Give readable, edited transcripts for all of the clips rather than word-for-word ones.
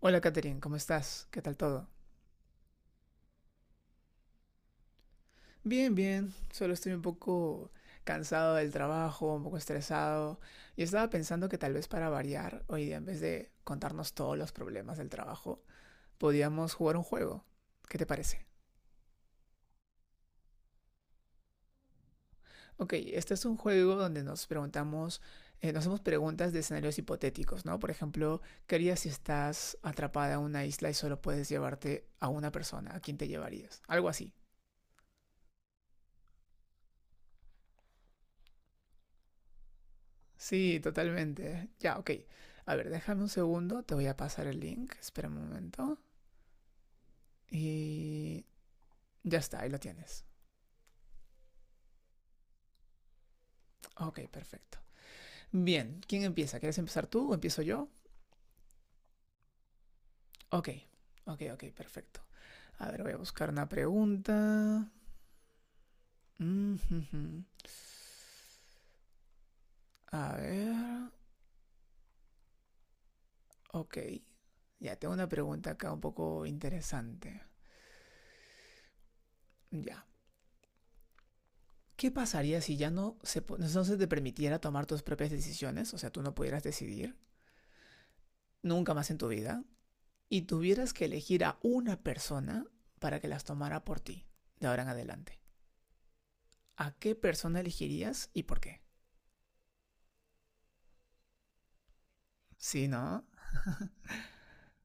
Hola Katherine, ¿cómo estás? ¿Qué tal todo? Bien, bien. Solo estoy un poco cansado del trabajo, un poco estresado. Y estaba pensando que tal vez para variar, hoy día en vez de contarnos todos los problemas del trabajo, podíamos jugar un juego. ¿Qué te parece? Ok, este es un juego donde nos preguntamos, nos hacemos preguntas de escenarios hipotéticos, ¿no? Por ejemplo, ¿qué harías si estás atrapada en una isla y solo puedes llevarte a una persona? ¿A quién te llevarías? Algo así. Sí, totalmente. Ya, ok. A ver, déjame un segundo, te voy a pasar el link, espera un momento. Y ya está, ahí lo tienes. Ok, perfecto. Bien, ¿quién empieza? ¿Quieres empezar tú o empiezo yo? Ok, ok, ok, perfecto. A ver, voy a buscar una pregunta. Mm, jujum. A ver, ok. Ya, tengo una pregunta acá un poco interesante. Ya. ¿Qué pasaría si no se te permitiera tomar tus propias decisiones? O sea, tú no pudieras decidir nunca más en tu vida y tuvieras que elegir a una persona para que las tomara por ti de ahora en adelante, ¿a qué persona elegirías y por qué? Sí, ¿no?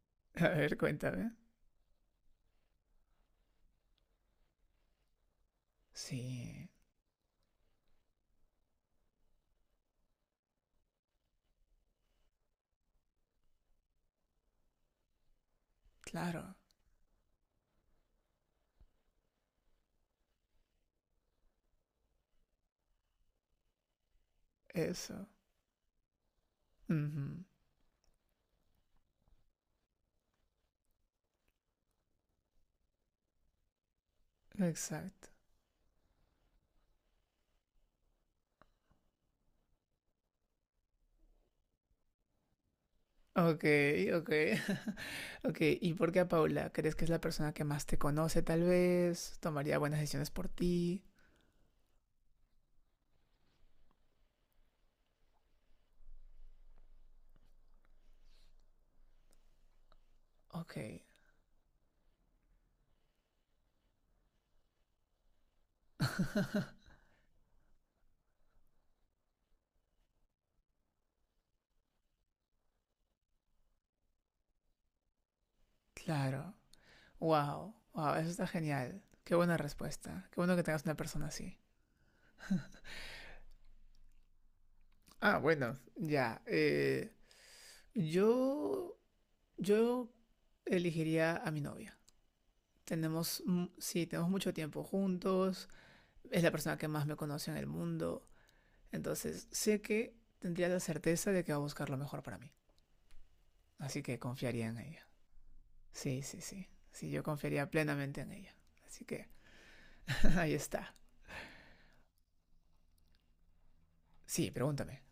A ver, cuéntame. Sí, claro, eso. Ujú, exacto. Ok, ok. Ok, ¿y por qué a Paula? ¿Crees que es la persona que más te conoce tal vez? ¿Tomaría buenas decisiones por ti? Ok, claro. Wow, wow, eso está genial. Qué buena respuesta. Qué bueno que tengas una persona así. Ah, bueno, ya. Yo, yo elegiría a mi novia. Tenemos, sí, tenemos mucho tiempo juntos. Es la persona que más me conoce en el mundo. Entonces, sé que tendría la certeza de que va a buscar lo mejor para mí. Así que confiaría en ella. Sí, sí, sí. Sí, yo confiaría plenamente en ella. Así que ahí está. Sí, pregúntame.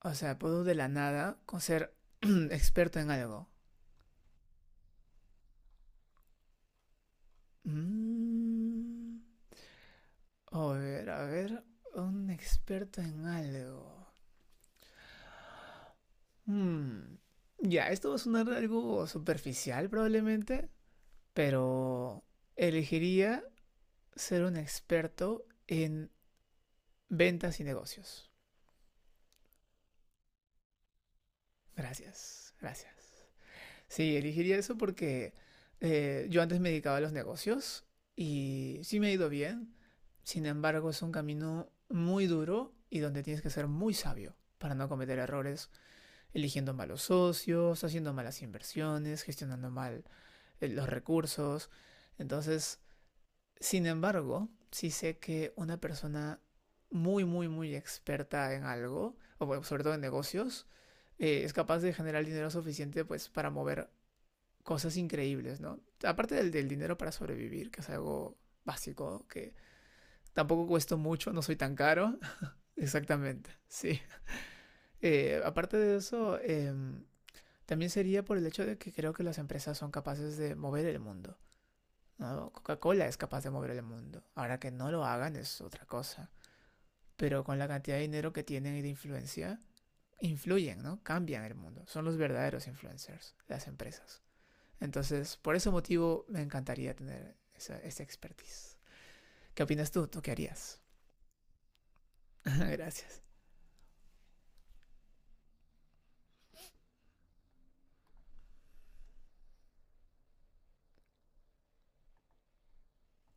O sea, puedo de la nada con ser experto en algo. Mm. A ver, un experto en algo. Hmm, Ya, esto va a sonar algo superficial probablemente, pero elegiría ser un experto en ventas y negocios. Gracias, gracias. Sí, elegiría eso porque yo antes me dedicaba a los negocios y sí me ha ido bien. Sin embargo, es un camino muy duro y donde tienes que ser muy sabio para no cometer errores eligiendo malos socios, haciendo malas inversiones, gestionando mal los recursos. Entonces, sin embargo, sí sé que una persona muy, muy, muy experta en algo, o bueno, sobre todo en negocios, es capaz de generar dinero suficiente pues para mover cosas increíbles, ¿no? Aparte del dinero para sobrevivir, que es algo básico, que tampoco cuesta mucho, no soy tan caro. Exactamente, sí. Aparte de eso, también sería por el hecho de que creo que las empresas son capaces de mover el mundo, ¿no? Coca-Cola es capaz de mover el mundo. Ahora que no lo hagan es otra cosa. Pero con la cantidad de dinero que tienen y de influencia, influyen, ¿no? Cambian el mundo. Son los verdaderos influencers, las empresas. Entonces, por ese motivo, me encantaría tener esa expertise. ¿Qué opinas tú? ¿Tú qué harías? Gracias.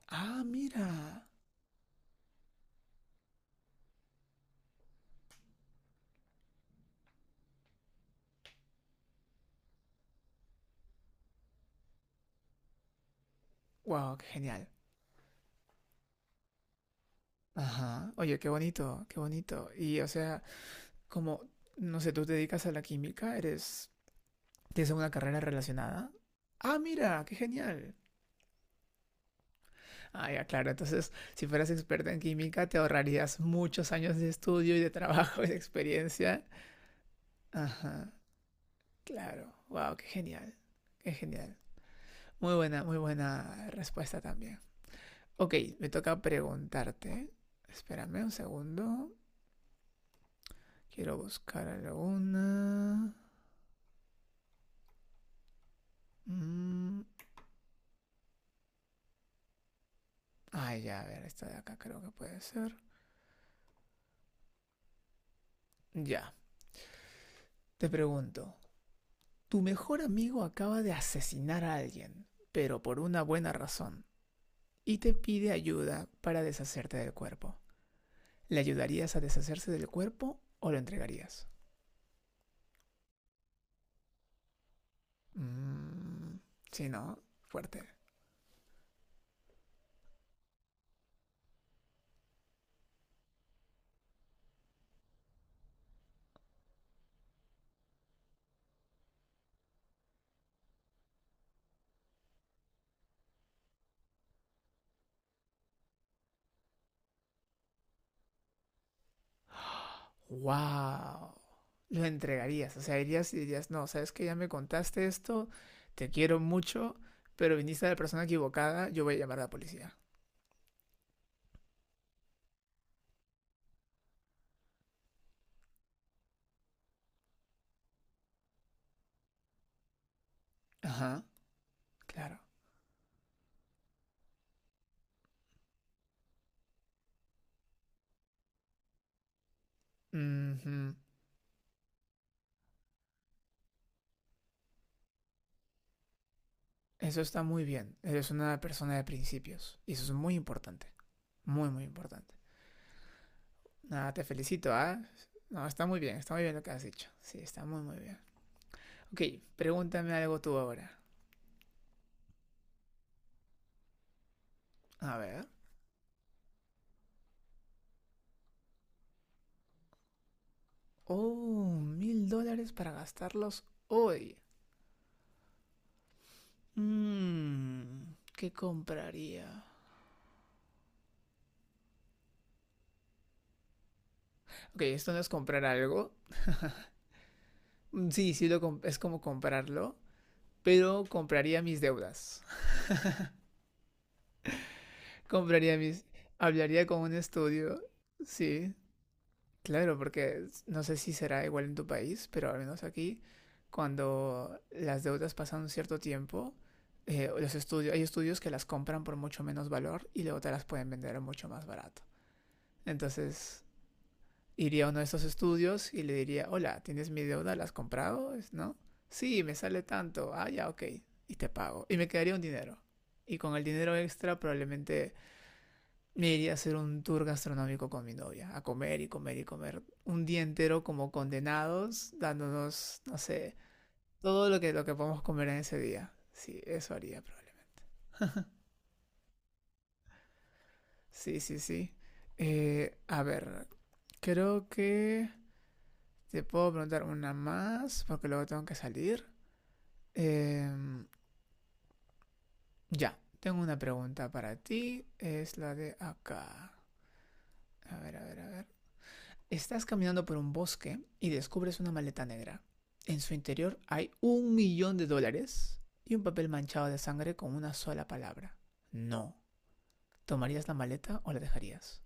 Ah, mira. Wow, qué genial. Ajá. Oye, qué bonito, qué bonito. Y, o sea, como, no sé, tú te dedicas a la química, eres, tienes una carrera relacionada. Ah, mira, qué genial. Ah, ya, claro. Entonces, si fueras experta en química, te ahorrarías muchos años de estudio y de trabajo y de experiencia. Ajá, claro. Wow, qué genial. Qué genial. Muy buena respuesta también. Ok, me toca preguntarte. Espérame un segundo. Quiero buscar alguna. Mm, Ah, ya, a ver, esta de acá creo que puede ser. Ya. Te pregunto, tu mejor amigo acaba de asesinar a alguien, pero por una buena razón, y te pide ayuda para deshacerte del cuerpo. ¿Le ayudarías a deshacerse del cuerpo o lo entregarías? Mm, sí, ¿no? Fuerte. ¡Wow! Lo entregarías. O sea, irías y dirías, no, sabes que ya me contaste esto, te quiero mucho, pero viniste a la persona equivocada, yo voy a llamar a la policía. Ajá, claro. Mhm. Eso está muy bien. Eres una persona de principios. Y eso es muy importante. Muy, muy importante. Nada, te felicito, ¿ah? ¿Eh? No, está muy bien lo que has dicho. Sí, está muy, muy bien. Ok, pregúntame algo tú ahora. A ver. Oh, $1000 para gastarlos hoy. ¿Qué compraría? Ok, esto no es comprar algo. Mm, sí, sí, es como comprarlo. Pero compraría mis deudas. Compraría mis... Hablaría con un estudio. Sí, claro, porque no sé si será igual en tu país, pero al menos aquí, cuando las deudas pasan un cierto tiempo, los estudios, hay estudios que las compran por mucho menos valor y luego te las pueden vender a mucho más barato. Entonces, iría a uno de esos estudios y le diría, hola, ¿tienes mi deuda? ¿La has comprado? ¿No? Sí, me sale tanto. Ah, ya, ok. Y te pago. Y me quedaría un dinero. Y con el dinero extra probablemente me iría a hacer un tour gastronómico con mi novia, a comer y comer y comer un día entero como condenados, dándonos, no sé, todo lo que podemos comer en ese día. Sí, eso haría probablemente. Sí, sí, sí. A ver, creo que te puedo preguntar una más porque luego tengo que salir. Em, ya, tengo una pregunta para ti. Es la de acá. A ver, a ver, a ver. Estás caminando por un bosque y descubres una maleta negra. En su interior hay 1 millón de dólares y un papel manchado de sangre con una sola palabra. No. ¿Tomarías la maleta o la dejarías?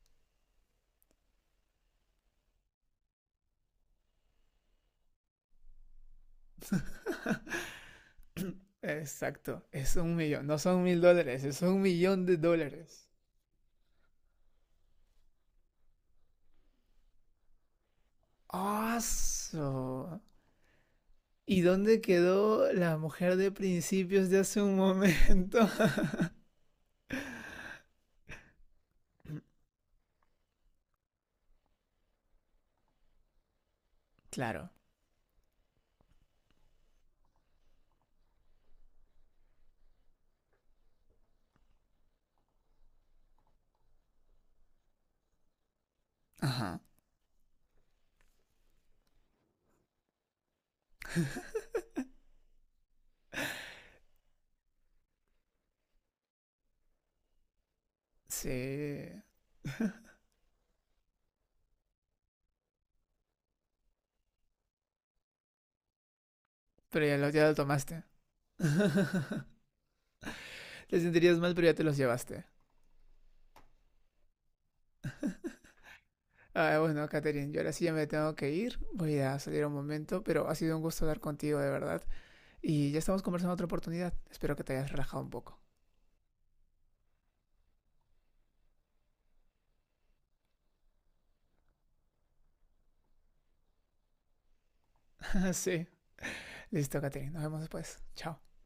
Exacto. Es 1 millón. No son $1000. Es 1 millón de dólares. ¡Aso! ¿Y dónde quedó la mujer de principios de hace un momento? Claro. Ajá. Sí. Pero ya lo tomaste. Te sentirías mal, pero ya te los llevaste. Ah, bueno, Catherine, yo ahora sí ya me tengo que ir. Voy a salir un momento, pero ha sido un gusto hablar contigo, de verdad. Y ya estamos conversando otra oportunidad. Espero que te hayas relajado un poco. Sí. Listo, Catherine. Nos vemos después. Chao.